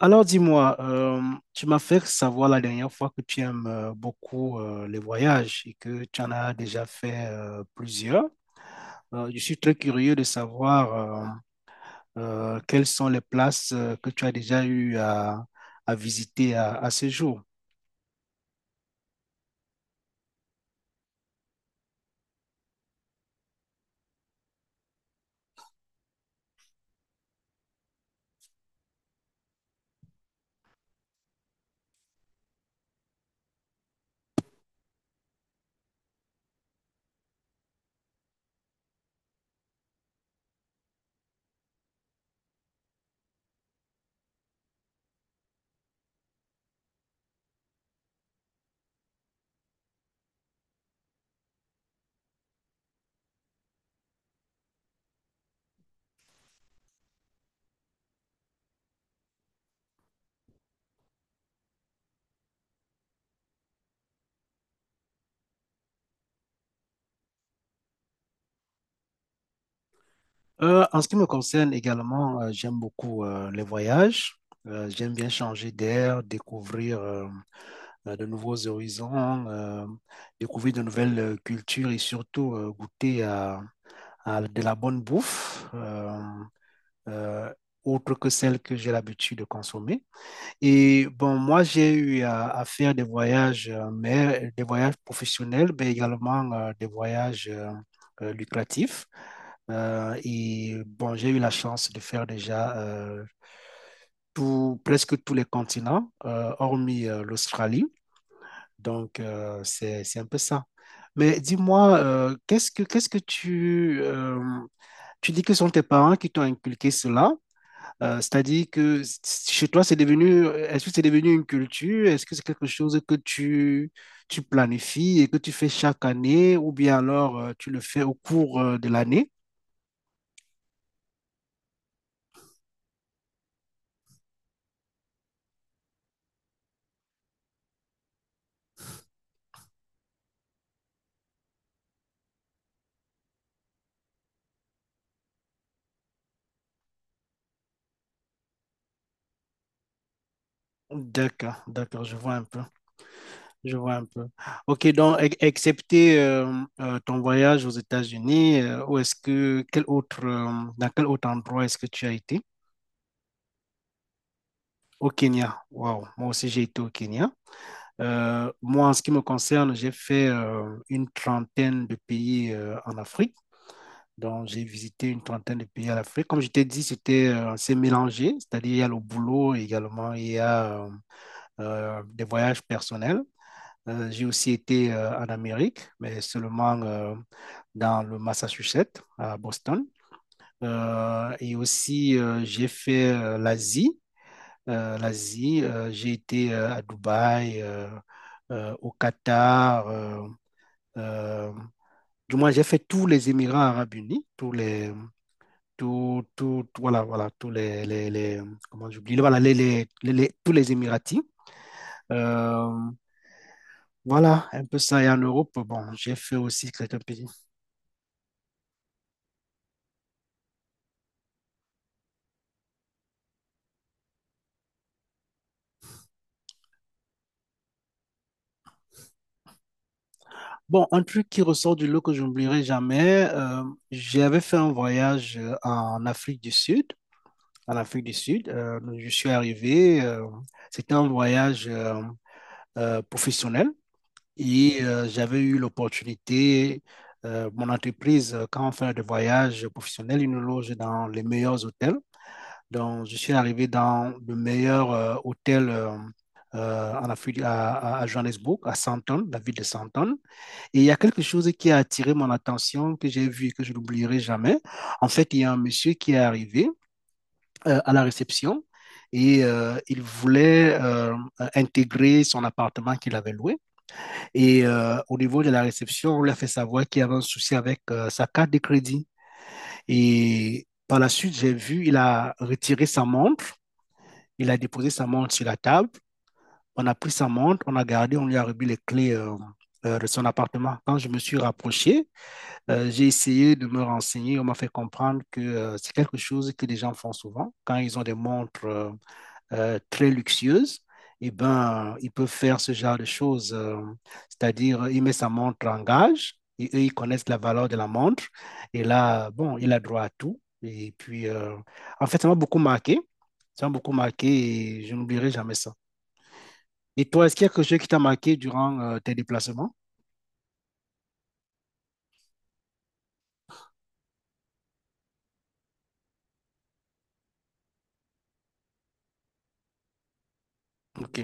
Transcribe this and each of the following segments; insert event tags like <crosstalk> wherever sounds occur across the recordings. Alors dis-moi, tu m'as fait savoir la dernière fois que tu aimes beaucoup les voyages et que tu en as déjà fait plusieurs. Je suis très curieux de savoir euh, quelles sont les places que tu as déjà eu à visiter à ce jour. En ce qui me concerne également, j'aime beaucoup les voyages. J'aime bien changer d'air, découvrir de nouveaux horizons, découvrir de nouvelles cultures et surtout goûter de la bonne bouffe euh, autre que celle que j'ai l'habitude de consommer. Et bon, moi, j'ai eu faire des voyages, mais des voyages professionnels, mais également des voyages lucratifs. Et bon, j'ai eu la chance de faire déjà presque tous les continents, hormis l'Australie. Donc, c'est un peu ça. Mais dis-moi, qu'est-ce que tu, tu dis que sont tes parents qui t'ont inculqué cela? C'est-à-dire que chez toi, c'est devenu, est-ce que c'est devenu une culture? Est-ce que c'est quelque chose que tu planifies et que tu fais chaque année ou bien alors tu le fais au cours de l'année? D'accord, d'accord, je vois un peu. Je vois un peu. Ok, donc, excepté ton voyage aux États-Unis, où est-ce que, quel autre, dans quel autre endroit est-ce que tu as été? Au Kenya. Waouh, moi aussi j'ai été au Kenya. Moi, en ce qui me concerne, j'ai fait une trentaine de pays en Afrique. Donc, j'ai visité une trentaine de pays en Afrique. Comme je t'ai dit, c'était assez mélangé, c'est-à-dire il y a le boulot également, il y a des voyages personnels. J'ai aussi été en Amérique, mais seulement dans le Massachusetts, à Boston. Et aussi, j'ai fait l'Asie. L'Asie, j'ai été à Dubaï, au Qatar. Euh, du moins, j'ai fait tous les Émirats arabes unis, voilà, tous les- comment j'oublie, tous les Émiratis. Euh, Voilà, un peu ça. Et en Europe, bon, j'ai fait aussi certains pays. Bon, un truc qui ressort du lot que je n'oublierai jamais, j'avais fait un voyage en Afrique du Sud. En Afrique du Sud, je suis arrivé. C'était un voyage professionnel et j'avais eu l'opportunité. Mon entreprise, quand on fait des voyages professionnels, ils nous loge dans les meilleurs hôtels. Donc, je suis arrivé dans le meilleur hôtel en Afrique, à Johannesburg, à Sandton, la ville de Sandton. Et il y a quelque chose qui a attiré mon attention, que j'ai vu et que je n'oublierai jamais. En fait, il y a un monsieur qui est arrivé à la réception et il voulait intégrer son appartement qu'il avait loué. Et au niveau de la réception, on lui a fait savoir qu'il y avait un souci avec sa carte de crédit. Et par la suite, j'ai vu, il a retiré sa montre. Il a déposé sa montre sur la table. On a pris sa montre, on a gardé, on lui a remis les clés de son appartement. Quand je me suis rapproché, j'ai essayé de me renseigner. On m'a fait comprendre que c'est quelque chose que les gens font souvent. Quand ils ont des montres très luxueuse, eh ben, ils peuvent faire ce genre de choses. C'est-à-dire, il met sa montre en gage et eux, ils connaissent la valeur de la montre. Et là, bon, il a droit à tout. Et puis, en fait, ça m'a beaucoup marqué. Ça m'a beaucoup marqué et je n'oublierai jamais ça. Et toi, est-ce qu'il y a quelque chose qui t'a marqué durant tes déplacements? Ok.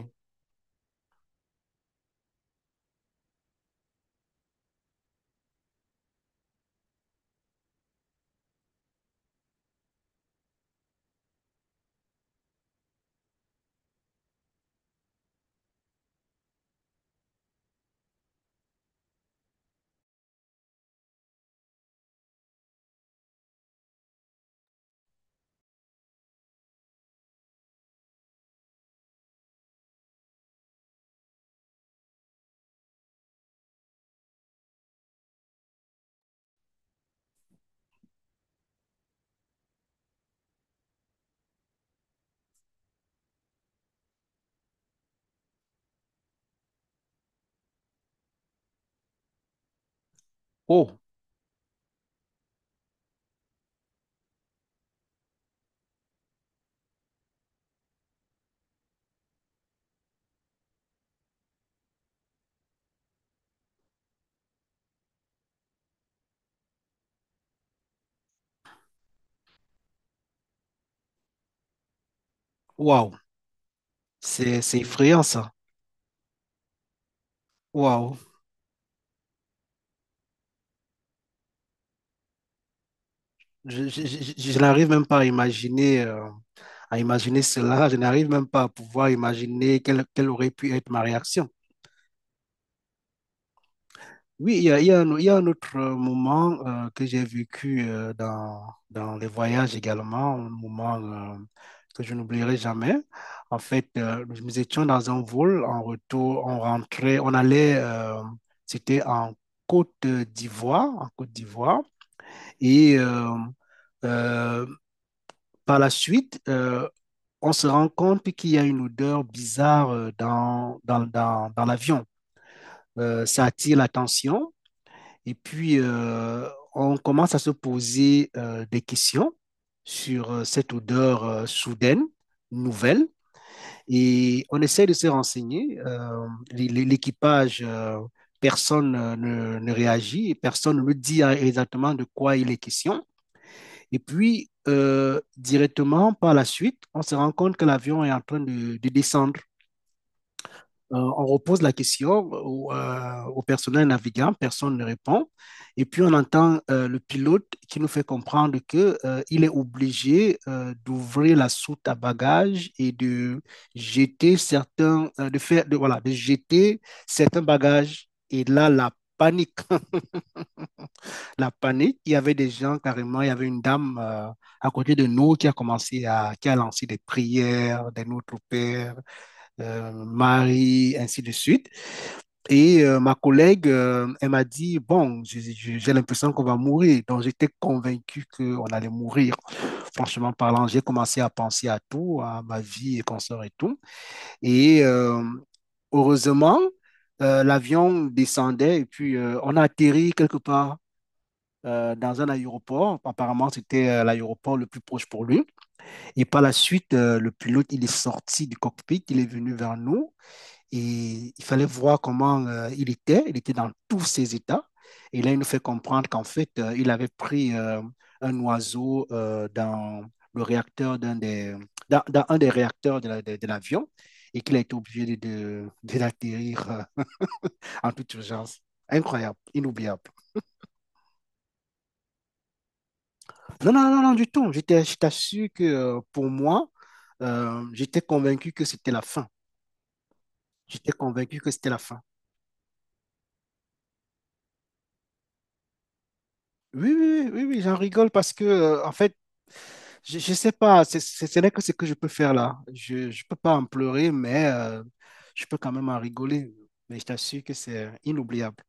Oh, waouh, c'est effrayant ça. Waouh, je n'arrive même pas à imaginer. À imaginer cela, je n'arrive même pas à pouvoir imaginer quelle aurait pu être ma réaction. Oui, il y a un, il y a un autre moment que j'ai vécu dans les voyages également, un moment que je n'oublierai jamais. En fait, nous étions dans un vol en retour, on rentrait, on allait, c'était en Côte d'Ivoire, et euh, par la suite, on se rend compte qu'il y a une odeur bizarre dans l'avion. Ça attire l'attention et puis on commence à se poser des questions sur cette odeur soudaine, nouvelle, et on essaie de se renseigner. L'équipage, personne ne réagit, personne ne nous dit exactement de quoi il est question. Et puis, directement par la suite, on se rend compte que l'avion est en train de descendre. On repose la question au, au personnel navigant, personne ne répond. Et puis on entend le pilote qui nous fait comprendre que, il est obligé d'ouvrir la soute à bagages et de jeter certains, voilà, de jeter certains bagages. Et là, la panique, <laughs> la panique. Il y avait des gens carrément, il y avait une dame à côté de nous qui a commencé à, qui a lancé des prières, des Notre Père, Marie, ainsi de suite. Et ma collègue, elle m'a dit, bon, j'ai l'impression qu'on va mourir. Donc, j'étais convaincu qu'on allait mourir. Franchement parlant, j'ai commencé à penser à tout, à ma vie et consort et tout. Et heureusement, l'avion descendait et puis on a atterri quelque part dans un aéroport. Apparemment, c'était l'aéroport le plus proche pour lui. Et par la suite, le pilote, il est sorti du cockpit, il est venu vers nous. Et il fallait voir comment il était. Il était dans tous ses états. Et là, il nous fait comprendre qu'en fait, il avait pris un oiseau dans le réacteur d'un des, dans un des réacteurs de l'avion et qu'il a été obligé de l'atterrir en toute urgence. Incroyable, inoubliable. Non, non, non, non, du tout. J'étais, je t'assure que pour moi, j'étais convaincu que c'était la fin. J'étais convaincu que c'était la fin. Oui, oui, oui, oui, oui, j'en rigole parce que, en fait, je ne sais pas, ce n'est que ce que je peux faire là. Je ne peux pas en pleurer, mais je peux quand même en rigoler. Mais je t'assure que c'est inoubliable.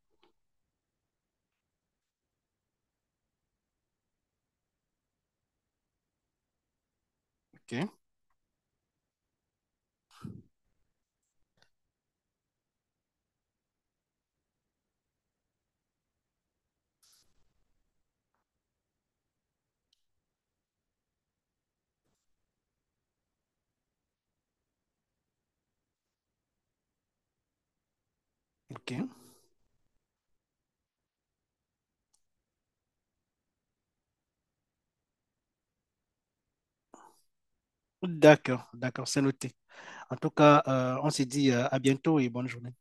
OK? OK? D'accord, d'accord, c'est noté. En tout cas, on se dit à bientôt et bonne journée.